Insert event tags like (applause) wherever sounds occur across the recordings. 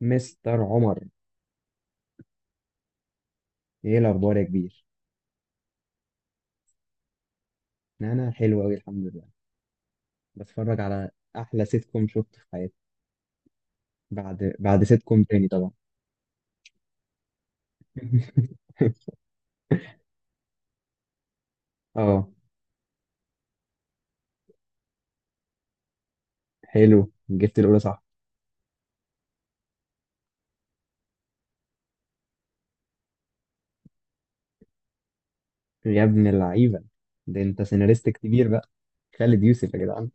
مستر عمر، ايه الاخبار يا كبير؟ انا حلو قوي، الحمد لله. بتفرج على احلى سيت كوم شفته في حياتي. بعد سيت كوم تاني طبعا. (laughs) اه، حلو، جبت الاولى صح؟ يا ابن اللعيبه، ده انت سيناريست كبير بقى، خالد يوسف يا جدعان.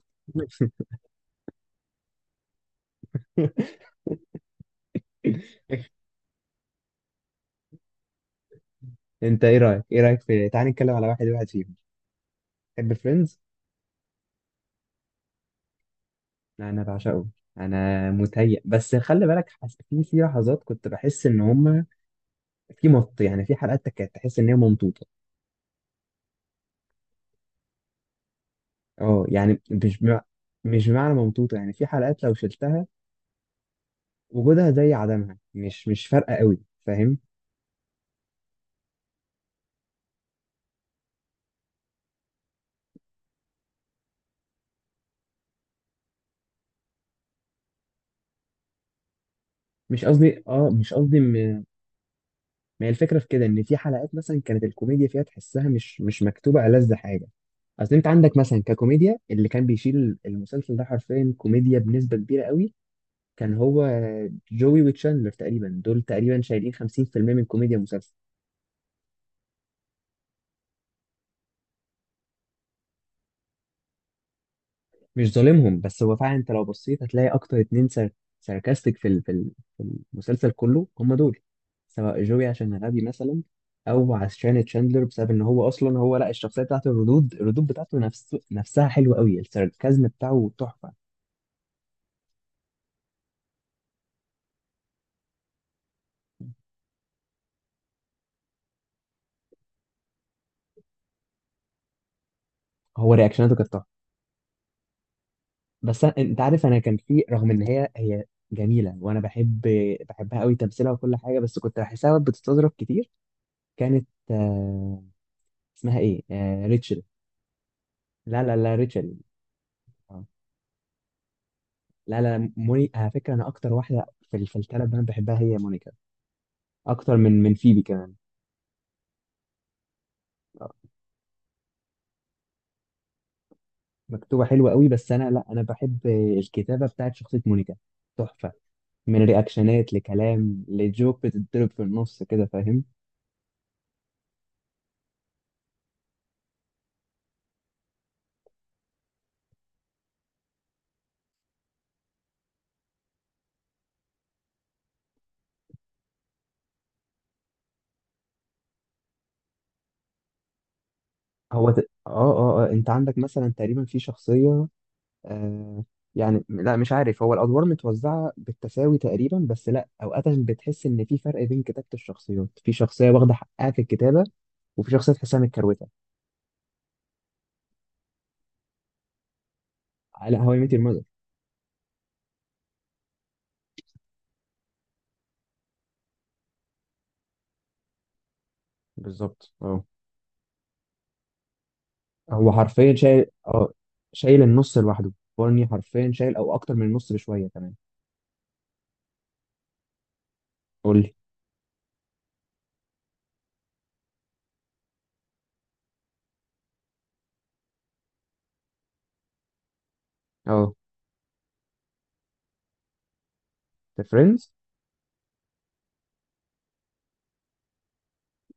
(laughs) انت ايه رايك في، تعال نتكلم على واحد واحد فيهم. تحب فريندز؟ انا بعشقه. انا متهيأ بس خلي بالك. في لحظات كنت بحس ان هم، في مط يعني في حلقات كانت تحس ان هي ممطوطه. اه يعني مش بمعنى ممطوطة، يعني في حلقات لو شلتها وجودها زي عدمها، مش فارقة قوي، فاهم؟ مش قصدي ما هي الفكرة في كده، ان في حلقات مثلا كانت الكوميديا فيها تحسها مش مكتوبة ألذ حاجة. اصل انت عندك مثلا، ككوميديا، اللي كان بيشيل المسلسل ده حرفيا كوميديا بنسبة كبيرة قوي، كان هو جوي وتشاندلر. تقريبا دول تقريبا شايلين 50% من كوميديا المسلسل. مش ظالمهم، بس هو فعلا انت لو بصيت هتلاقي اكتر اتنين ساركاستيك في المسلسل، كله هم دول. سواء جوي عشان غبي مثلا، او عشان تشاندلر، بسبب ان هو اصلا هو لا، الشخصيه بتاعته، الردود بتاعته نفسها حلوه قوي، الساركازم بتاعه تحفه. هو رياكشناته كانت تحفه. انت عارف انا كان في، رغم ان هي جميله وانا بحبها قوي تمثيلها وكل حاجه، بس كنت بحسها بتستظرف كتير. كانت اسمها ايه؟ ريتشل. لا لا لا، ريتشل. آه. لا لا، موني، على فكرة أنا أكتر واحدة في الثلاث بنات بحبها هي مونيكا. أكتر من فيبي كمان. آه، مكتوبة حلوة قوي. بس أنا لا، أنا بحب الكتابة بتاعت شخصية مونيكا، تحفة. من رياكشنات لكلام لجوك بتتضرب في النص كده، فاهم؟ هو ت... آه, آه آه أنت عندك مثلا تقريبا في شخصية، آه يعني لا مش عارف، هو الأدوار متوزعة بالتساوي تقريبا، بس لا، أوقات بتحس إن في فرق بين كتابة الشخصيات. في شخصية واخدة حقها في الكتابة، وفي شخصية تحسها متكروتة. لا، هواي ميت. بالظبط اه، هو حرفيا شايل اه، شايل النص لوحده. بارني حرفيا شايل او اكتر من النص بشويه كمان. قول لي. اه، ذا فريندز.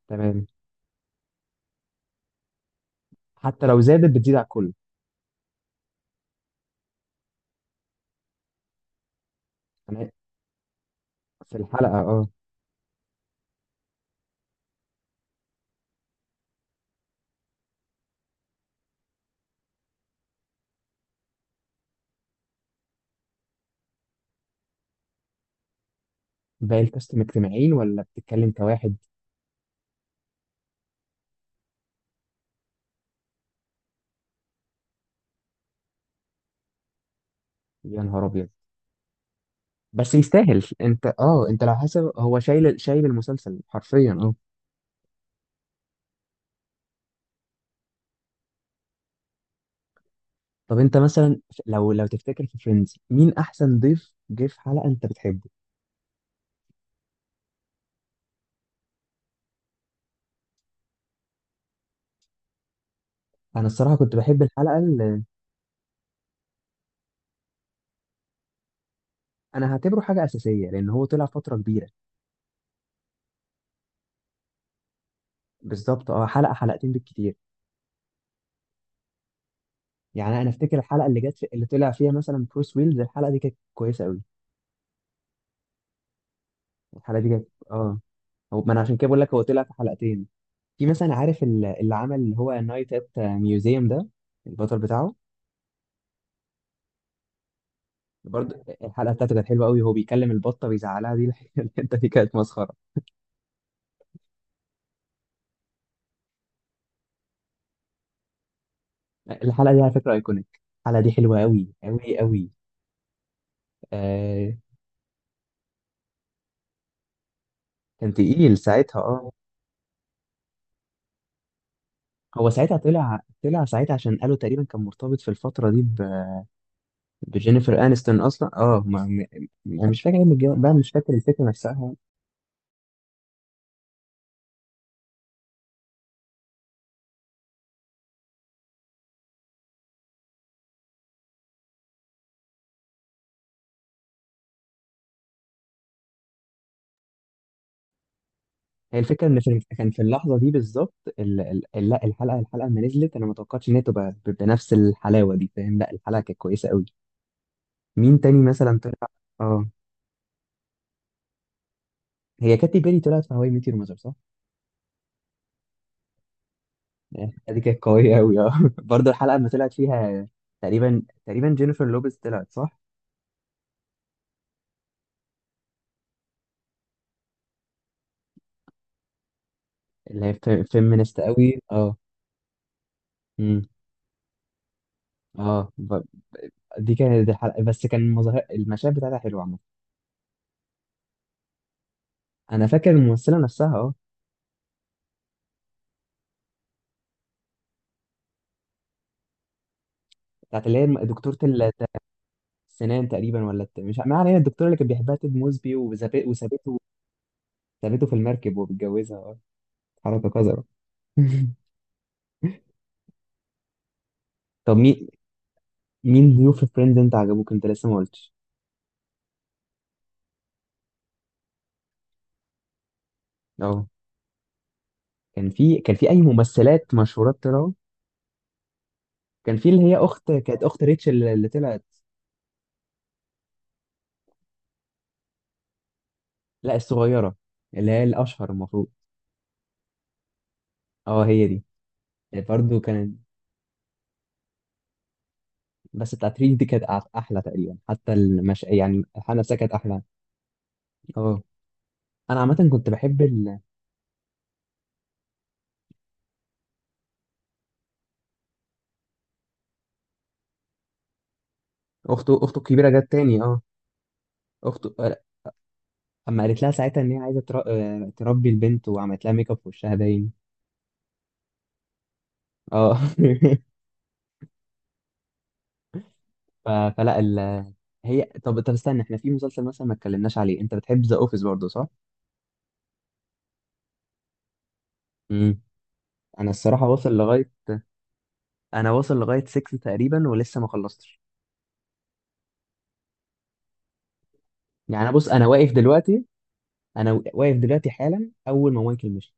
تمام، حتى لو زادت بتزيد على الكل. انا في الحلقه اه. باقي الكاست مجتمعين ولا بتتكلم كواحد؟ يا نهار ابيض. بس يستاهل، انت اه انت لو حاسب هو شايل المسلسل حرفيا اه. طب انت مثلا لو تفتكر في فريندز مين احسن ضيف جه في حلقه انت بتحبه؟ انا الصراحه كنت بحب الحلقه. انا هعتبره حاجه اساسيه لان هو طلع فتره كبيره. بالظبط اه، حلقه حلقتين بالكتير. يعني انا افتكر الحلقه اللي جت اللي طلع فيها مثلا بروس ويلز، الحلقه دي كانت كويسه قوي. الحلقه دي كانت اه، هو ما انا عشان كده بقول لك، هو طلع في حلقتين. في مثلا عارف اللي عمل اللي هو نايت ات ميوزيوم ده، البطل بتاعه. برضه الحلقه بتاعته كانت حلوه قوي، هو بيكلم البطه بيزعلها دي (laughs) الحته دي كانت مسخره. الحلقه دي على فكره ايكونيك، الحلقه دي حلوه قوي قوي قوي. آه كان تقيل ساعتها اه. هو ساعتها طلع ساعتها، عشان قالوا تقريبا كان مرتبط في الفترة دي بجينيفر أنستون أصلا اه ما... أنا مش فاكر ايه من بقى مش فاكر الفكرة نفسها. هي الفكرة إن كان في اللحظة دي بالظبط لا، الحلقة لما نزلت أنا ما توقعتش إن هي تبقى بنفس الحلاوة دي، فاهم؟ لا الحلقة كانت كويسة قوي. مين تاني مثلا طلع؟ اه، هي كاتي بيري طلعت في هواي ميت يور مذر صح؟ يعني الحلقة دي كانت قوية قوي اه (laughs) برضه الحلقة لما طلعت فيها، تقريبا جينيفر لوبيز طلعت صح؟ اللي هي فيمينست قوي اه. اه، دي كانت الحلقه، بس كان المظاهر المشاهد بتاعتها حلوه عامه. انا فاكر الممثله نفسها اه. بتاعت اللي هي دكتوره السنان تقريبا ولا مش، ما علينا، الدكتوره اللي كانت بيحبها تيد موزبي وسابته وسابته. سابته في المركب وبيتجوزها اه. حركه قذره. (laughs) طب مين ضيوف فريندز انت عجبوك، انت لسه ما قلتش. اه، كان في اي ممثلات مشهورات طلعوا؟ كان في اللي هي اخت، كانت اخت ريتشل اللي طلعت. لا الصغيره، اللي هي الاشهر المفروض. اه هي دي. برضه كانت، بس بتاعت ريف دي كانت احلى تقريبا، حتى يعني الحلقه نفسها كانت احلى. اه انا عامه كنت بحب اخته الكبيره جت تاني اه. اخته، اما قالت لها ساعتها ان هي عايزه تر... آه، تربي البنت وعملت لها ميك اب في وشها باين. اه (laughs) ف... فلا ال... هي، طب استنى، احنا في مسلسل مثلا ما اتكلمناش عليه، انت بتحب ذا اوفيس برضه صح؟ امم. انا الصراحه واصل لغايه، انا واصل لغايه 6 تقريبا، ولسه ما خلصتش. يعني انا بص، انا واقف دلوقتي، انا واقف دلوقتي حالا اول ما مايكل مشي.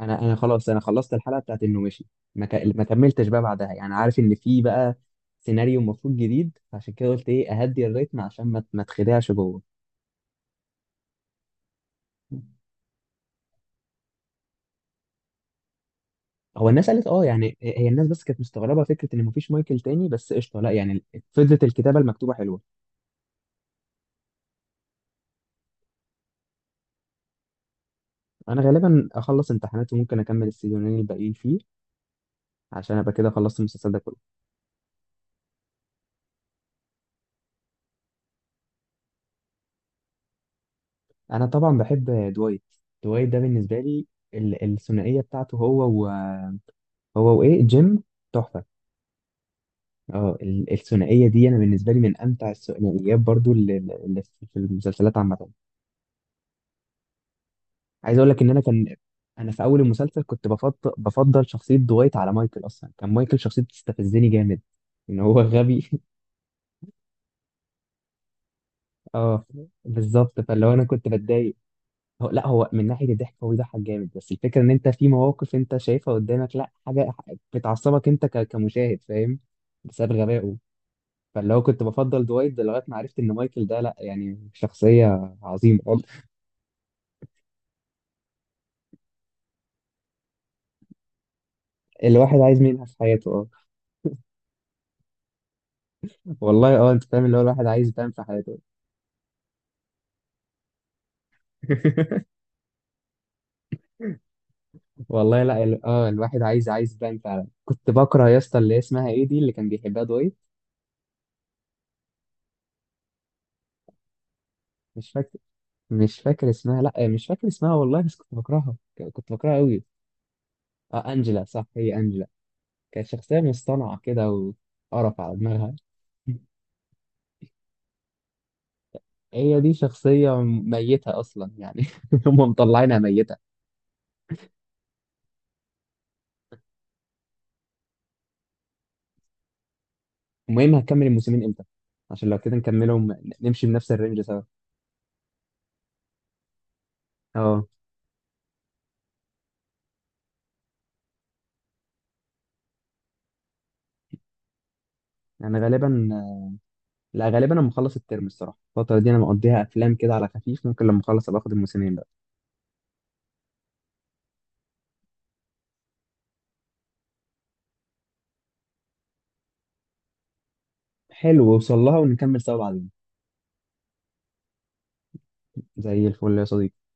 انا خلاص انا خلصت الحلقه بتاعت انه مشي. ما كملتش بقى بعدها، يعني عارف ان في بقى سيناريو المفروض جديد، فعشان كده قلت ايه اهدي الريتم عشان ما تخدعش جوه. هو الناس قالت اه، يعني هي الناس بس كانت مستغربه فكره ان مفيش مايكل تاني، بس قشطه لا يعني، فضلت الكتابه المكتوبه حلوه. انا غالبا اخلص امتحانات وممكن اكمل السيزونين الباقيين فيه، عشان ابقى كده خلصت المسلسل ده كله. انا طبعا بحب دوايت. دوايت ده بالنسبه لي، الثنائيه بتاعته هو هو وايه، جيم، تحفه. اه الثنائيه دي انا بالنسبه لي من امتع الثنائيات برضو اللي في المسلسلات عامه. عايز اقول لك ان انا كان، انا في اول المسلسل كنت بفضل شخصيه دوايت على مايكل، اصلا كان مايكل شخصيه بتستفزني جامد، ان هو غبي (laughs) اه بالظبط، فاللي هو انا كنت بتضايق. هو لا، هو من ناحيه الضحك هو بيضحك جامد، بس الفكره ان انت في مواقف انت شايفها قدامك، لا حاجه بتعصبك انت كمشاهد، فاهم؟ بسبب غبائه. فاللي هو كنت بفضل دوايت ده لغايه ما عرفت ان مايكل ده لا، يعني شخصيه عظيمه. الواحد عايز منها في حياته اه. والله اه، انت فاهم، اللي هو الواحد عايز بان في حياته. (laughs) والله لا، الواحد عايز بان فعلا. كنت بكره يا اسطى اللي هي اسمها ايه دي، اللي كان بيحبها دويت. مش فاكر، مش فاكر اسمها، لا مش فاكر اسمها والله، بس كنت بكرهها، كنت بكرهها قوي. اه انجلا، صح هي انجلا. كانت شخصيه مصطنعه كده، وقرف على دماغها. (laughs) هي دي شخصيه ميته اصلا يعني، (laughs) هم مطلعينها ميته. المهم هكمل الموسمين امتى؟ عشان لو كده نكملهم نمشي بنفس الرينج سوا. اه انا غالبا، لا غالبا انا مخلص الترم الصراحه، الفتره دي انا مقضيها افلام كده على خفيف، ممكن لما اخلص ابقى اخد الموسمين بقى. حلو، وصل لها ونكمل سوا بعدين. زي الفل يا صديقي.